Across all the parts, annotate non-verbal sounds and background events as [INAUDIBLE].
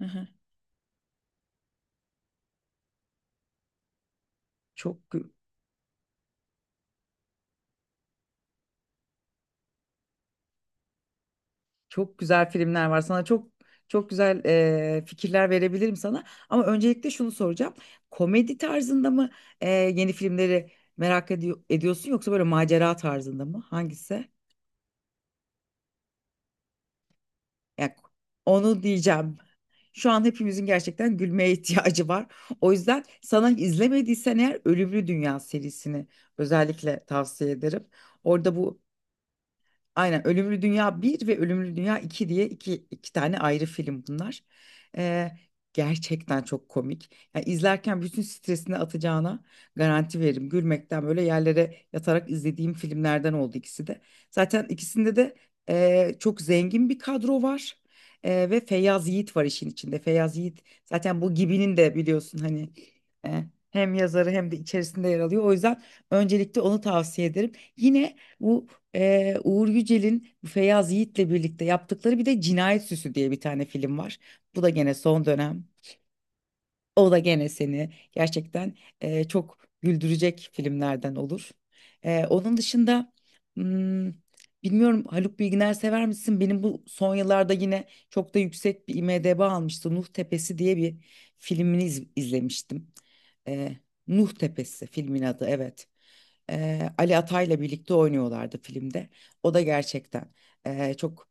Hı hı. Çok gü- çok güzel filmler var. Sana çok çok güzel fikirler verebilirim sana. Ama öncelikle şunu soracağım. Komedi tarzında mı yeni filmleri merak ediyorsun yoksa böyle macera tarzında mı? Hangisi? Yani onu diyeceğim. Şu an hepimizin gerçekten gülmeye ihtiyacı var. O yüzden sana izlemediysen eğer Ölümlü Dünya serisini özellikle tavsiye ederim. Orada bu Aynen, Ölümlü Dünya Bir ve Ölümlü Dünya 2 diye iki tane ayrı film bunlar. Ee, Gerçekten çok komik. Yani izlerken bütün stresini atacağına garanti veririm. Gülmekten böyle yerlere yatarak izlediğim filmlerden oldu ikisi de. Zaten ikisinde de çok zengin bir kadro var. Ve Feyyaz Yiğit var işin içinde. Feyyaz Yiğit zaten bu Gibi'nin de biliyorsun, hani, e, hem yazarı hem de içerisinde yer alıyor. O yüzden öncelikle onu tavsiye ederim. Yine bu Uğur Yücel'in bu Feyyaz Yiğit'le birlikte yaptıkları bir de Cinayet Süsü diye bir tane film var. Bu da gene son dönem. O da gene seni gerçekten çok güldürecek filmlerden olur. Onun dışında, hmm, bilmiyorum, Haluk Bilginer sever misin? Benim bu son yıllarda yine çok da yüksek bir IMDb almıştı. Nuh Tepesi diye bir filmini izlemiştim. E, Nuh Tepesi filmin adı, evet. Ali Atay'la birlikte oynuyorlardı filmde. O da gerçekten çok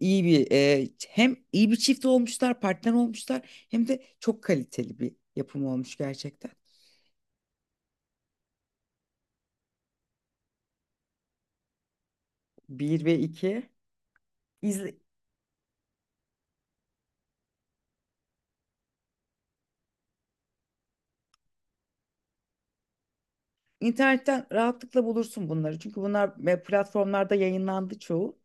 iyi bir, hem iyi bir çift olmuşlar, partner olmuşlar, hem de çok kaliteli bir yapım olmuş gerçekten. Bir ve iki. İzle, internetten rahatlıkla bulursun bunları. Çünkü bunlar platformlarda yayınlandı çoğu.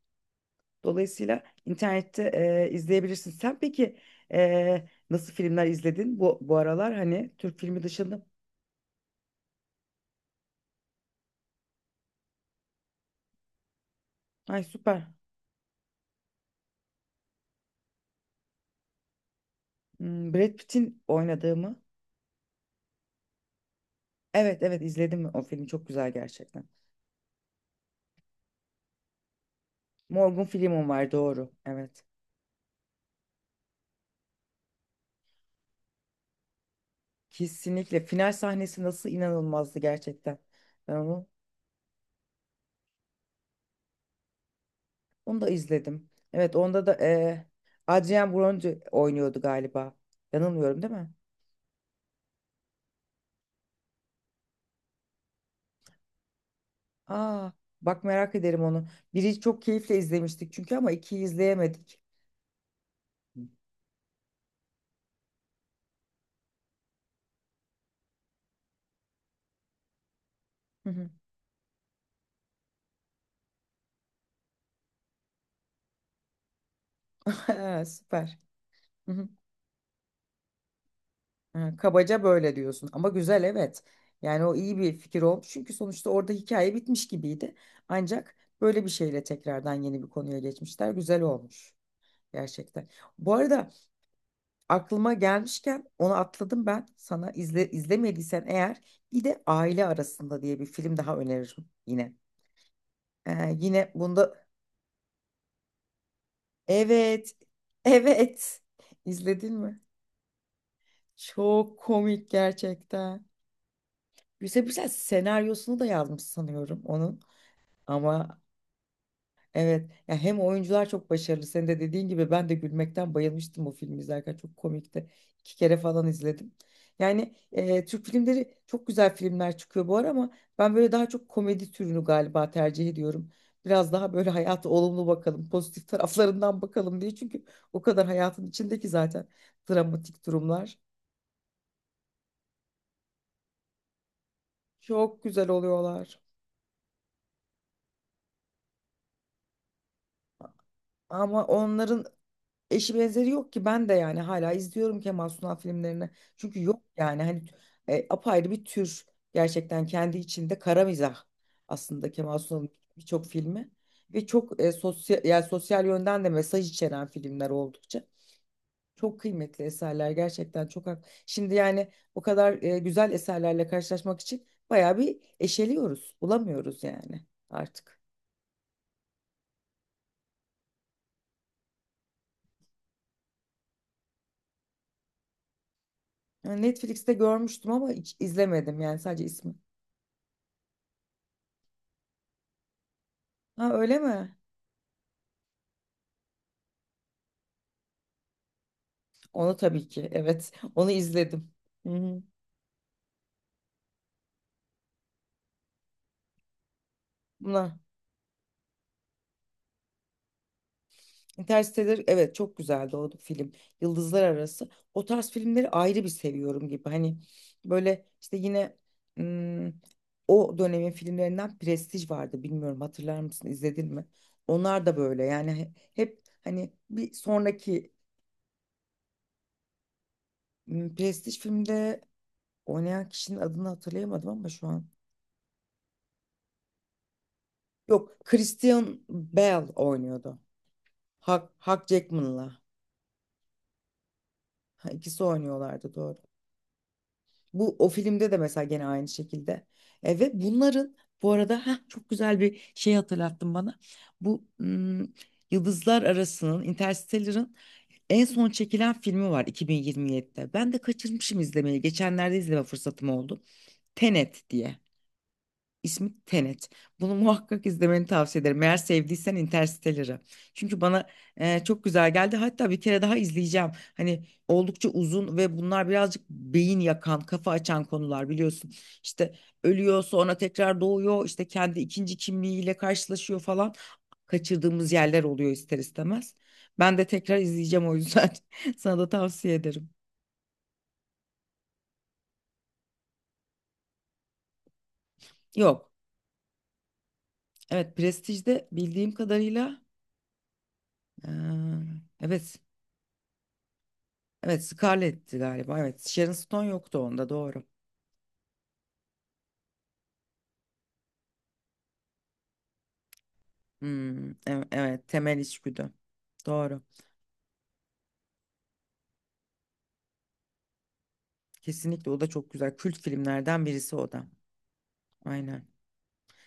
Dolayısıyla internette izleyebilirsin. Sen peki nasıl filmler izledin bu aralar? Hani Türk filmi dışında. Ay, süper. Brad Pitt'in oynadığı mı? Evet, evet, izledim o filmi, çok güzel gerçekten. Morgan Freeman var, doğru. Evet. Kesinlikle final sahnesi nasıl inanılmazdı gerçekten. Ben onu onu da izledim. Evet, onda da Adrien Brody oynuyordu galiba. Yanılmıyorum değil mi? Aa, bak, merak ederim onu. Biri çok keyifle izlemiştik çünkü, ama ikiyi izleyemedik. Hı hı. [LAUGHS] Ha, süper. [LAUGHS] Hı, kabaca böyle diyorsun ama güzel, evet. Yani o iyi bir fikir olmuş çünkü sonuçta orada hikaye bitmiş gibiydi. Ancak böyle bir şeyle tekrardan yeni bir konuya geçmişler. Güzel olmuş gerçekten. Bu arada aklıma gelmişken onu atladım ben. Sana, izlemediysen eğer, bir de Aile Arasında diye bir film daha öneririm yine. Yine bunda, evet. [LAUGHS] Evet, izledin mi? Çok komik gerçekten. Güzel güzel senaryosunu da yazmış sanıyorum onun. Ama evet ya, hem oyuncular çok başarılı. Senin de dediğin gibi ben de gülmekten bayılmıştım o filmi izlerken. Çok komikti. İki kere falan izledim. Yani Türk filmleri, çok güzel filmler çıkıyor bu ara, ama ben böyle daha çok komedi türünü galiba tercih ediyorum. Biraz daha böyle hayata olumlu bakalım, pozitif taraflarından bakalım diye. Çünkü o kadar hayatın içindeki zaten dramatik durumlar. Çok güzel oluyorlar. Ama onların eşi benzeri yok ki, ben de yani hala izliyorum Kemal Sunal filmlerini. Çünkü yok yani, hani, apayrı bir tür gerçekten, kendi içinde kara mizah aslında Kemal Sunal'ın birçok filmi, ve çok sosyal, yani sosyal yönden de mesaj içeren filmler. Oldukça çok kıymetli eserler gerçekten, çok şimdi yani o kadar güzel eserlerle karşılaşmak için bayağı bir eşeliyoruz, bulamıyoruz yani artık. Yani Netflix'te görmüştüm ama hiç izlemedim, yani sadece ismi. Ha, öyle mi? Onu tabii ki. Evet. Onu izledim. Hı hı. Buna Interstellar, evet, çok güzeldi o film. Yıldızlar Arası. O tarz filmleri ayrı bir seviyorum gibi. Hani böyle işte yine, ım, o dönemin filmlerinden Prestij vardı. Bilmiyorum, hatırlar mısın, izledin mi? Onlar da böyle yani, hep, hani, bir sonraki, Prestij filmde oynayan kişinin adını hatırlayamadım ama şu an. Yok, Christian Bale oynuyordu. Hugh Jackman'la. Ha, ikisi oynuyorlardı, doğru. Bu o filmde de mesela gene aynı şekilde. Ve bunların, bu arada, çok güzel bir şey hatırlattın bana. Bu, Yıldızlar Arası'nın, Interstellar'ın, en son çekilen filmi var 2027'de. Ben de kaçırmışım izlemeyi. Geçenlerde izleme fırsatım oldu. Tenet diye. İsmi Tenet. Bunu muhakkak izlemeni tavsiye ederim, eğer sevdiysen Interstellar'ı. Çünkü bana çok güzel geldi. Hatta bir kere daha izleyeceğim. Hani oldukça uzun ve bunlar birazcık beyin yakan, kafa açan konular biliyorsun. İşte ölüyor, sonra tekrar doğuyor, işte kendi ikinci kimliğiyle karşılaşıyor falan. Kaçırdığımız yerler oluyor ister istemez. Ben de tekrar izleyeceğim o yüzden. [LAUGHS] Sana da tavsiye ederim. Yok. Evet, Prestige'de bildiğim kadarıyla, eee, evet. Evet, Scarlett'ti galiba. Evet, Sharon Stone yoktu onda, doğru. Evet, temel içgüdü. Doğru. Kesinlikle o da çok güzel. Kült filmlerden birisi o da. Aynen.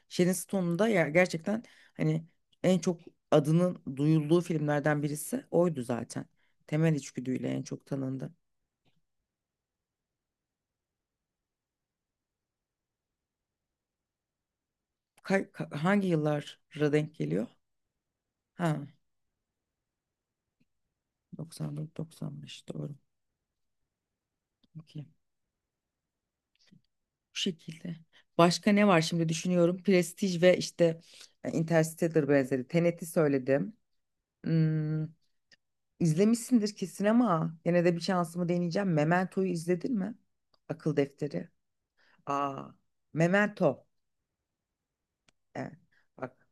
Sharon Stone'un da gerçekten, hani, en çok adının duyulduğu filmlerden birisi oydu zaten. Temel içgüdüyle en çok tanındı. Hangi yıllara denk geliyor? Ha, 94-95, doğru. Okey. Bu şekilde. Başka ne var, şimdi düşünüyorum. Prestige ve işte Interstellar benzeri. Tenet'i söyledim. Hmm, izlemişsindir kesin ama yine de bir şansımı deneyeceğim. Memento'yu izledin mi? Akıl defteri. Aa, Memento. Evet. Bak,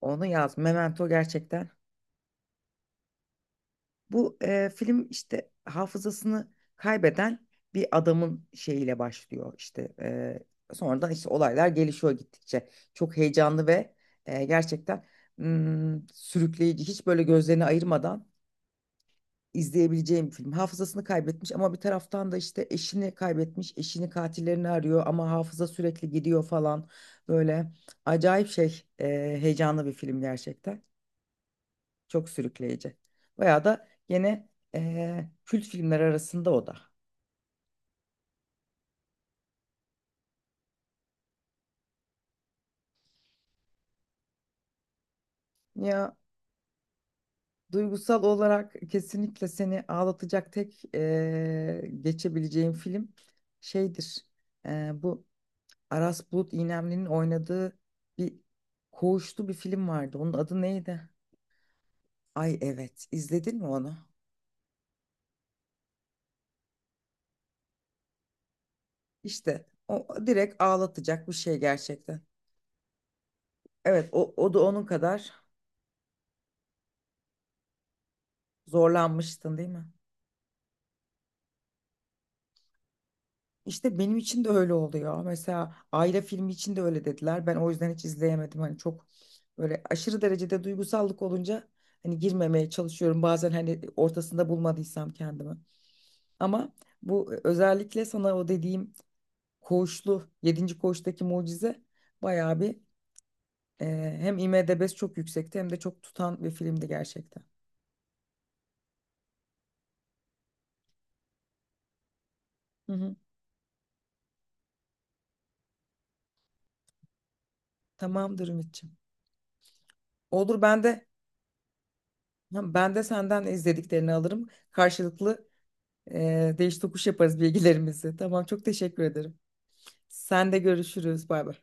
onu yaz. Memento gerçekten. Bu film işte hafızasını kaybeden bir adamın şeyiyle başlıyor, işte sonradan işte olaylar gelişiyor, gittikçe çok heyecanlı ve gerçekten, sürükleyici. Hiç böyle gözlerini ayırmadan izleyebileceğim bir film. Hafızasını kaybetmiş ama bir taraftan da işte eşini kaybetmiş, eşini, katillerini arıyor ama hafıza sürekli gidiyor falan, böyle acayip şey, heyecanlı bir film gerçekten. Çok sürükleyici. Bayağı da gene kült filmler arasında o da. Ya, duygusal olarak kesinlikle seni ağlatacak tek geçebileceğim film şeydir. Bu Aras Bulut İynemli'nin oynadığı bir koğuşlu bir film vardı. Onun adı neydi? Ay evet. izledin mi onu? İşte o direkt ağlatacak bir şey gerçekten. Evet, o da onun kadar zorlanmıştın değil mi? İşte benim için de öyle oluyor. Mesela Ayla filmi için de öyle dediler. Ben o yüzden hiç izleyemedim. Hani çok böyle aşırı derecede duygusallık olunca hani girmemeye çalışıyorum. Bazen hani ortasında bulmadıysam kendimi. Ama bu özellikle sana o dediğim Koğuşlu, yedinci Koğuş'taki Mucize bayağı bir, e, hem IMDb'si çok yüksekti hem de çok tutan bir filmdi gerçekten. Hı hı. Tamamdır Ümitçiğim. Olur, ben de senden izlediklerini alırım. Karşılıklı değiş tokuş yaparız bilgilerimizi. Tamam, çok teşekkür ederim. Sen de görüşürüz. Bay bay.